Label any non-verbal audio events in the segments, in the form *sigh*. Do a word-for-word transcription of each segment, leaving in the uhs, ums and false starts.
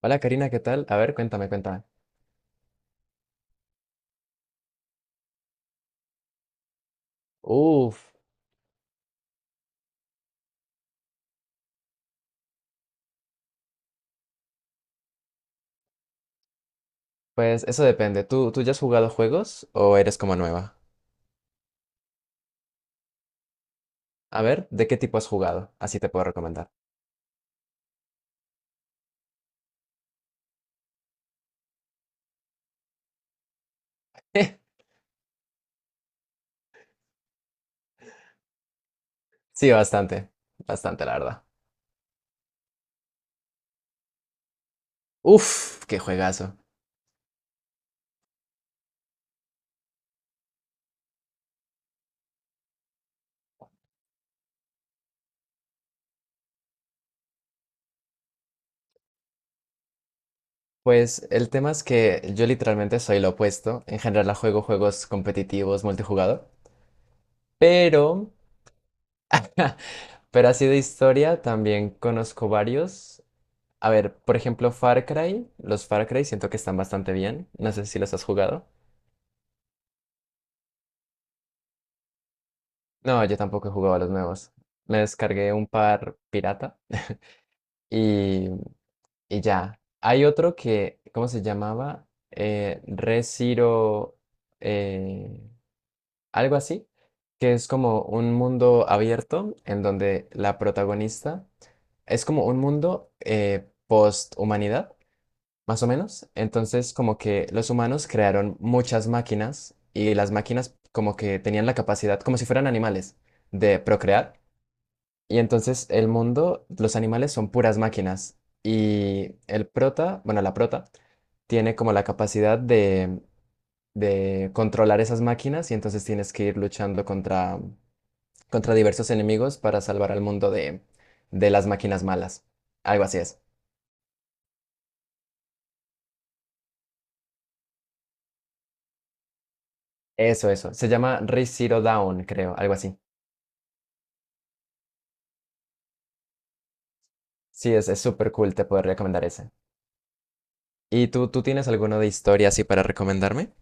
Hola Karina, ¿qué tal? A ver, cuéntame, cuéntame. Uf, pues eso depende. ¿Tú, tú ya has jugado juegos o eres como nueva? A ver, ¿de qué tipo has jugado? Así te puedo recomendar. *laughs* Sí, bastante, bastante, la verdad. Uf, qué juegazo. Pues el tema es que yo literalmente soy lo opuesto. En general, la juego juegos competitivos, multijugador. Pero, *laughs* pero así de historia también conozco varios. A ver, por ejemplo, Far Cry. Los Far Cry siento que están bastante bien. No sé si los has jugado. No, yo tampoco he jugado a los nuevos. Me descargué un par pirata y, y ya. Hay otro que, ¿cómo se llamaba? Eh, Re eh, Algo así, que es como un mundo abierto en donde la protagonista es como un mundo eh, post-humanidad, más o menos. Entonces, como que los humanos crearon muchas máquinas y las máquinas como que tenían la capacidad, como si fueran animales, de procrear. Y entonces el mundo, los animales son puras máquinas. Y el prota, bueno, la prota, tiene como la capacidad de, de controlar esas máquinas y entonces tienes que ir luchando contra, contra diversos enemigos para salvar al mundo de, de las máquinas malas. Algo así es. Eso, eso. Se llama Re Zero Dawn, creo, algo así. Sí, es, es súper cool, te puedo recomendar ese. ¿Y tú, tú tienes alguno de historia así para recomendarme?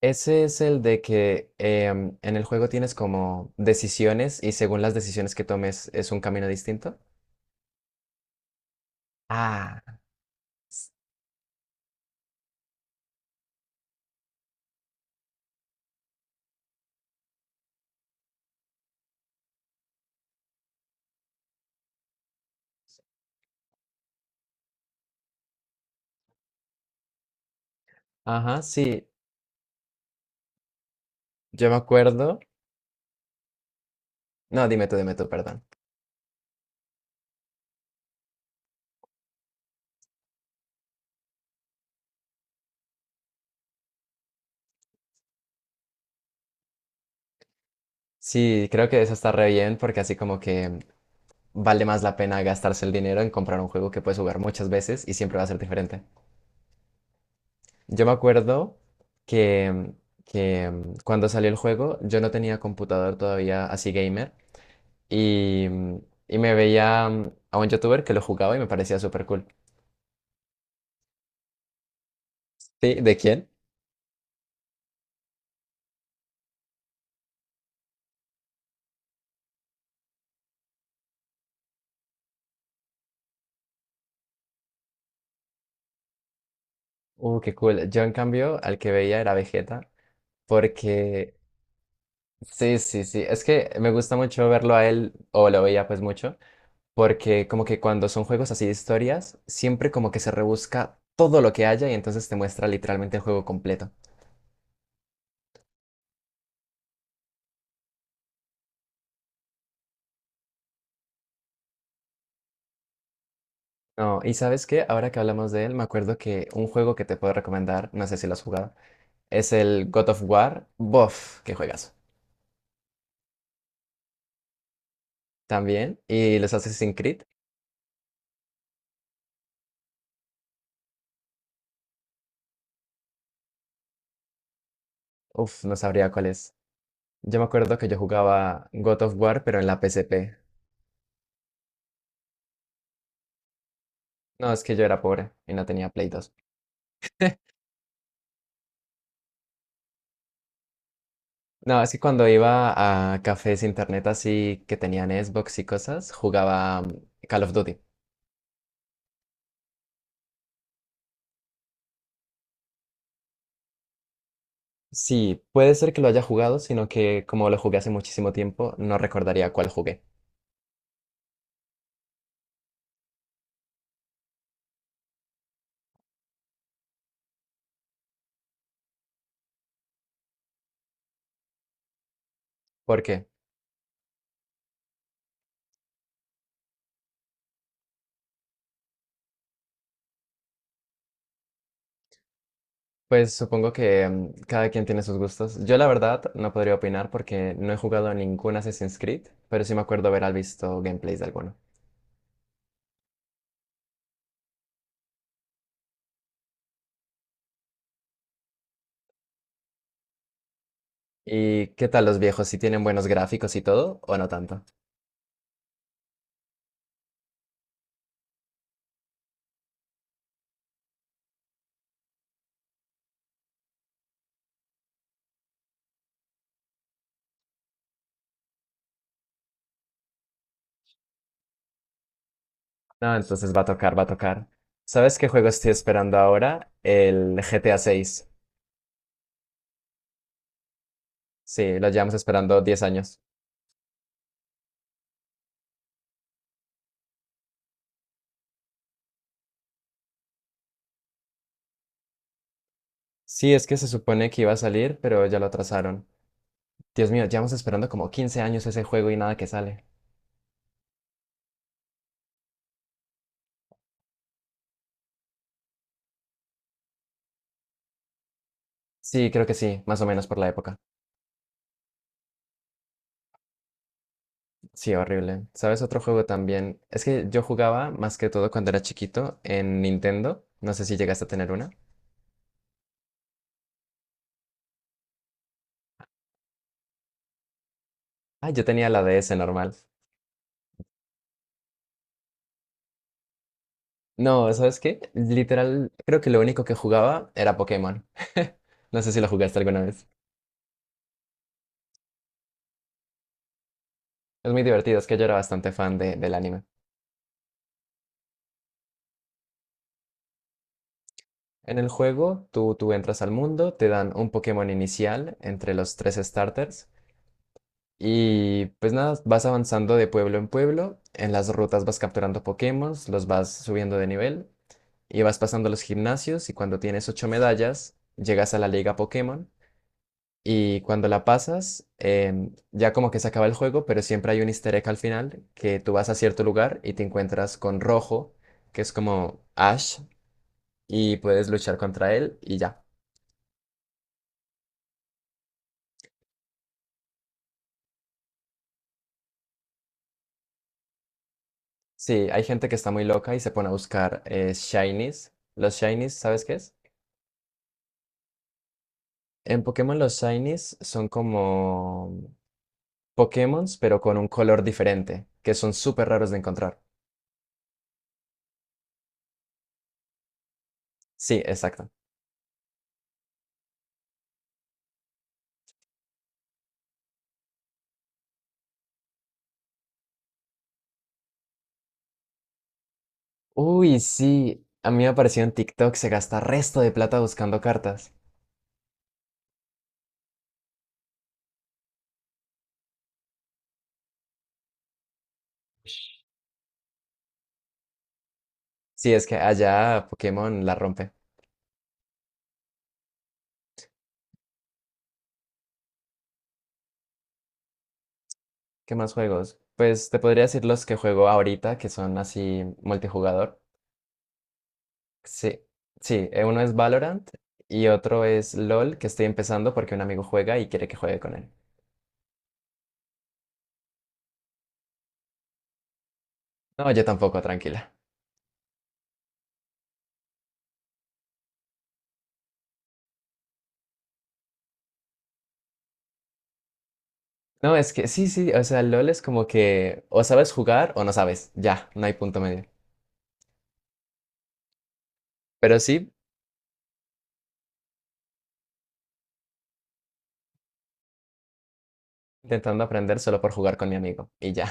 Ese es el de que em, en el juego tienes como decisiones y según las decisiones que tomes es un camino distinto. Ah, ajá, sí, yo me acuerdo. No, dime tú, dime tú, perdón. Sí, creo que eso está re bien porque así como que vale más la pena gastarse el dinero en comprar un juego que puedes jugar muchas veces y siempre va a ser diferente. Yo me acuerdo que, que cuando salió el juego yo no tenía computador todavía así gamer. Y, mm, y me veía mm, a un youtuber que lo jugaba y me parecía súper cool. ¿Sí? ¿De quién? Uh, qué cool. Yo en cambio al que veía era Vegeta porque sí, sí, sí. Es que me gusta mucho verlo a él o lo veía pues mucho porque como que cuando son juegos así de historias siempre como que se rebusca todo lo que haya y entonces te muestra literalmente el juego completo. No, y sabes qué, ahora que hablamos de él, me acuerdo que un juego que te puedo recomendar, no sé si lo has jugado, es el God of War. Bof, qué juegas. También. Y los Assassin's Creed. Uff, no sabría cuál es. Yo me acuerdo que yo jugaba God of War, pero en la P S P. No, es que yo era pobre y no tenía Play dos. No, es que cuando iba a cafés internet así que tenían Xbox y cosas, jugaba mm, Call of Duty. Sí, puede ser que lo haya jugado, sino que como lo jugué hace muchísimo tiempo, no recordaría cuál jugué. ¿Por qué? Pues supongo que mm, cada quien tiene sus gustos. Yo la verdad no podría opinar porque no he jugado a ningún Assassin's Creed, pero sí me acuerdo haber visto gameplays de alguno. ¿Y qué tal los viejos? ¿Si tienen buenos gráficos y todo o no tanto? No, entonces va a tocar, va a tocar. ¿Sabes qué juego estoy esperando ahora? El G T A seis. Sí, lo llevamos esperando diez años. Sí, es que se supone que iba a salir, pero ya lo atrasaron. Dios mío, llevamos esperando como quince años ese juego y nada que sale. Sí, creo que sí, más o menos por la época. Sí, horrible. ¿Sabes otro juego también? Es que yo jugaba más que todo cuando era chiquito en Nintendo. No sé si llegaste a tener una. Ah, yo tenía la D S normal. No, ¿sabes qué? Literal, creo que lo único que jugaba era Pokémon. *laughs* No sé si lo jugaste alguna vez. Es muy divertido, es que yo era bastante fan de- del anime. En el juego, tú, tú entras al mundo, te dan un Pokémon inicial entre los tres starters. Y pues nada, vas avanzando de pueblo en pueblo, en las rutas vas capturando Pokémon, los vas subiendo de nivel y vas pasando los gimnasios y cuando tienes ocho medallas, llegas a la Liga Pokémon y cuando la pasas, em, ya como que se acaba el juego, pero siempre hay un easter egg al final que tú vas a cierto lugar y te encuentras con Rojo, que es como Ash, y puedes luchar contra él y ya. Sí, hay gente que está muy loca y se pone a buscar eh, Shinies. ¿Los Shinies, sabes qué es? En Pokémon los Shinies son como Pokémons, pero con un color diferente, que son súper raros de encontrar. Sí, exacto. Uy, sí. A mí me apareció en TikTok, se gasta resto de plata buscando cartas. Sí, es que allá Pokémon la rompe. ¿Qué más juegos? Pues te podría decir los que juego ahorita, que son así multijugador. Sí, sí, eh, uno es Valorant y otro es LOL, que estoy empezando porque un amigo juega y quiere que juegue con él. No, yo tampoco, tranquila. No, es que sí, sí, o sea, LOL es como que o sabes jugar o no sabes, ya, no hay punto medio. Pero sí, intentando aprender solo por jugar con mi amigo y ya.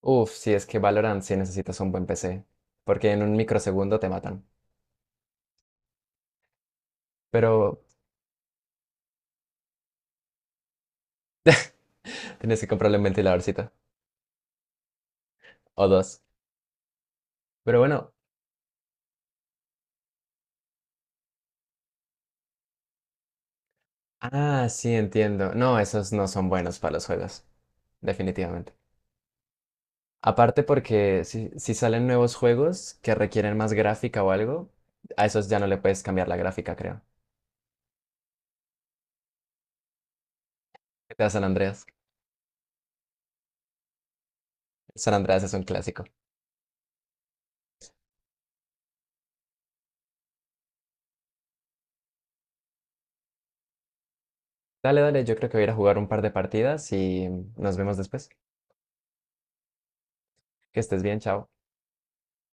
Uf, sí, es que Valorant sí necesitas un buen P C, porque en un microsegundo te matan. Pero *laughs* tienes que comprarle un ventiladorcito o dos. Pero bueno, ah, sí, entiendo. No, esos no son buenos para los juegos, definitivamente. Aparte porque si, si salen nuevos juegos que requieren más gráfica o algo, a esos ya no le puedes cambiar la gráfica, creo. G T A San Andreas. San Andreas es un clásico. Dale, dale, yo creo que voy a ir a jugar un par de partidas y nos vemos después. Que estés bien, chao.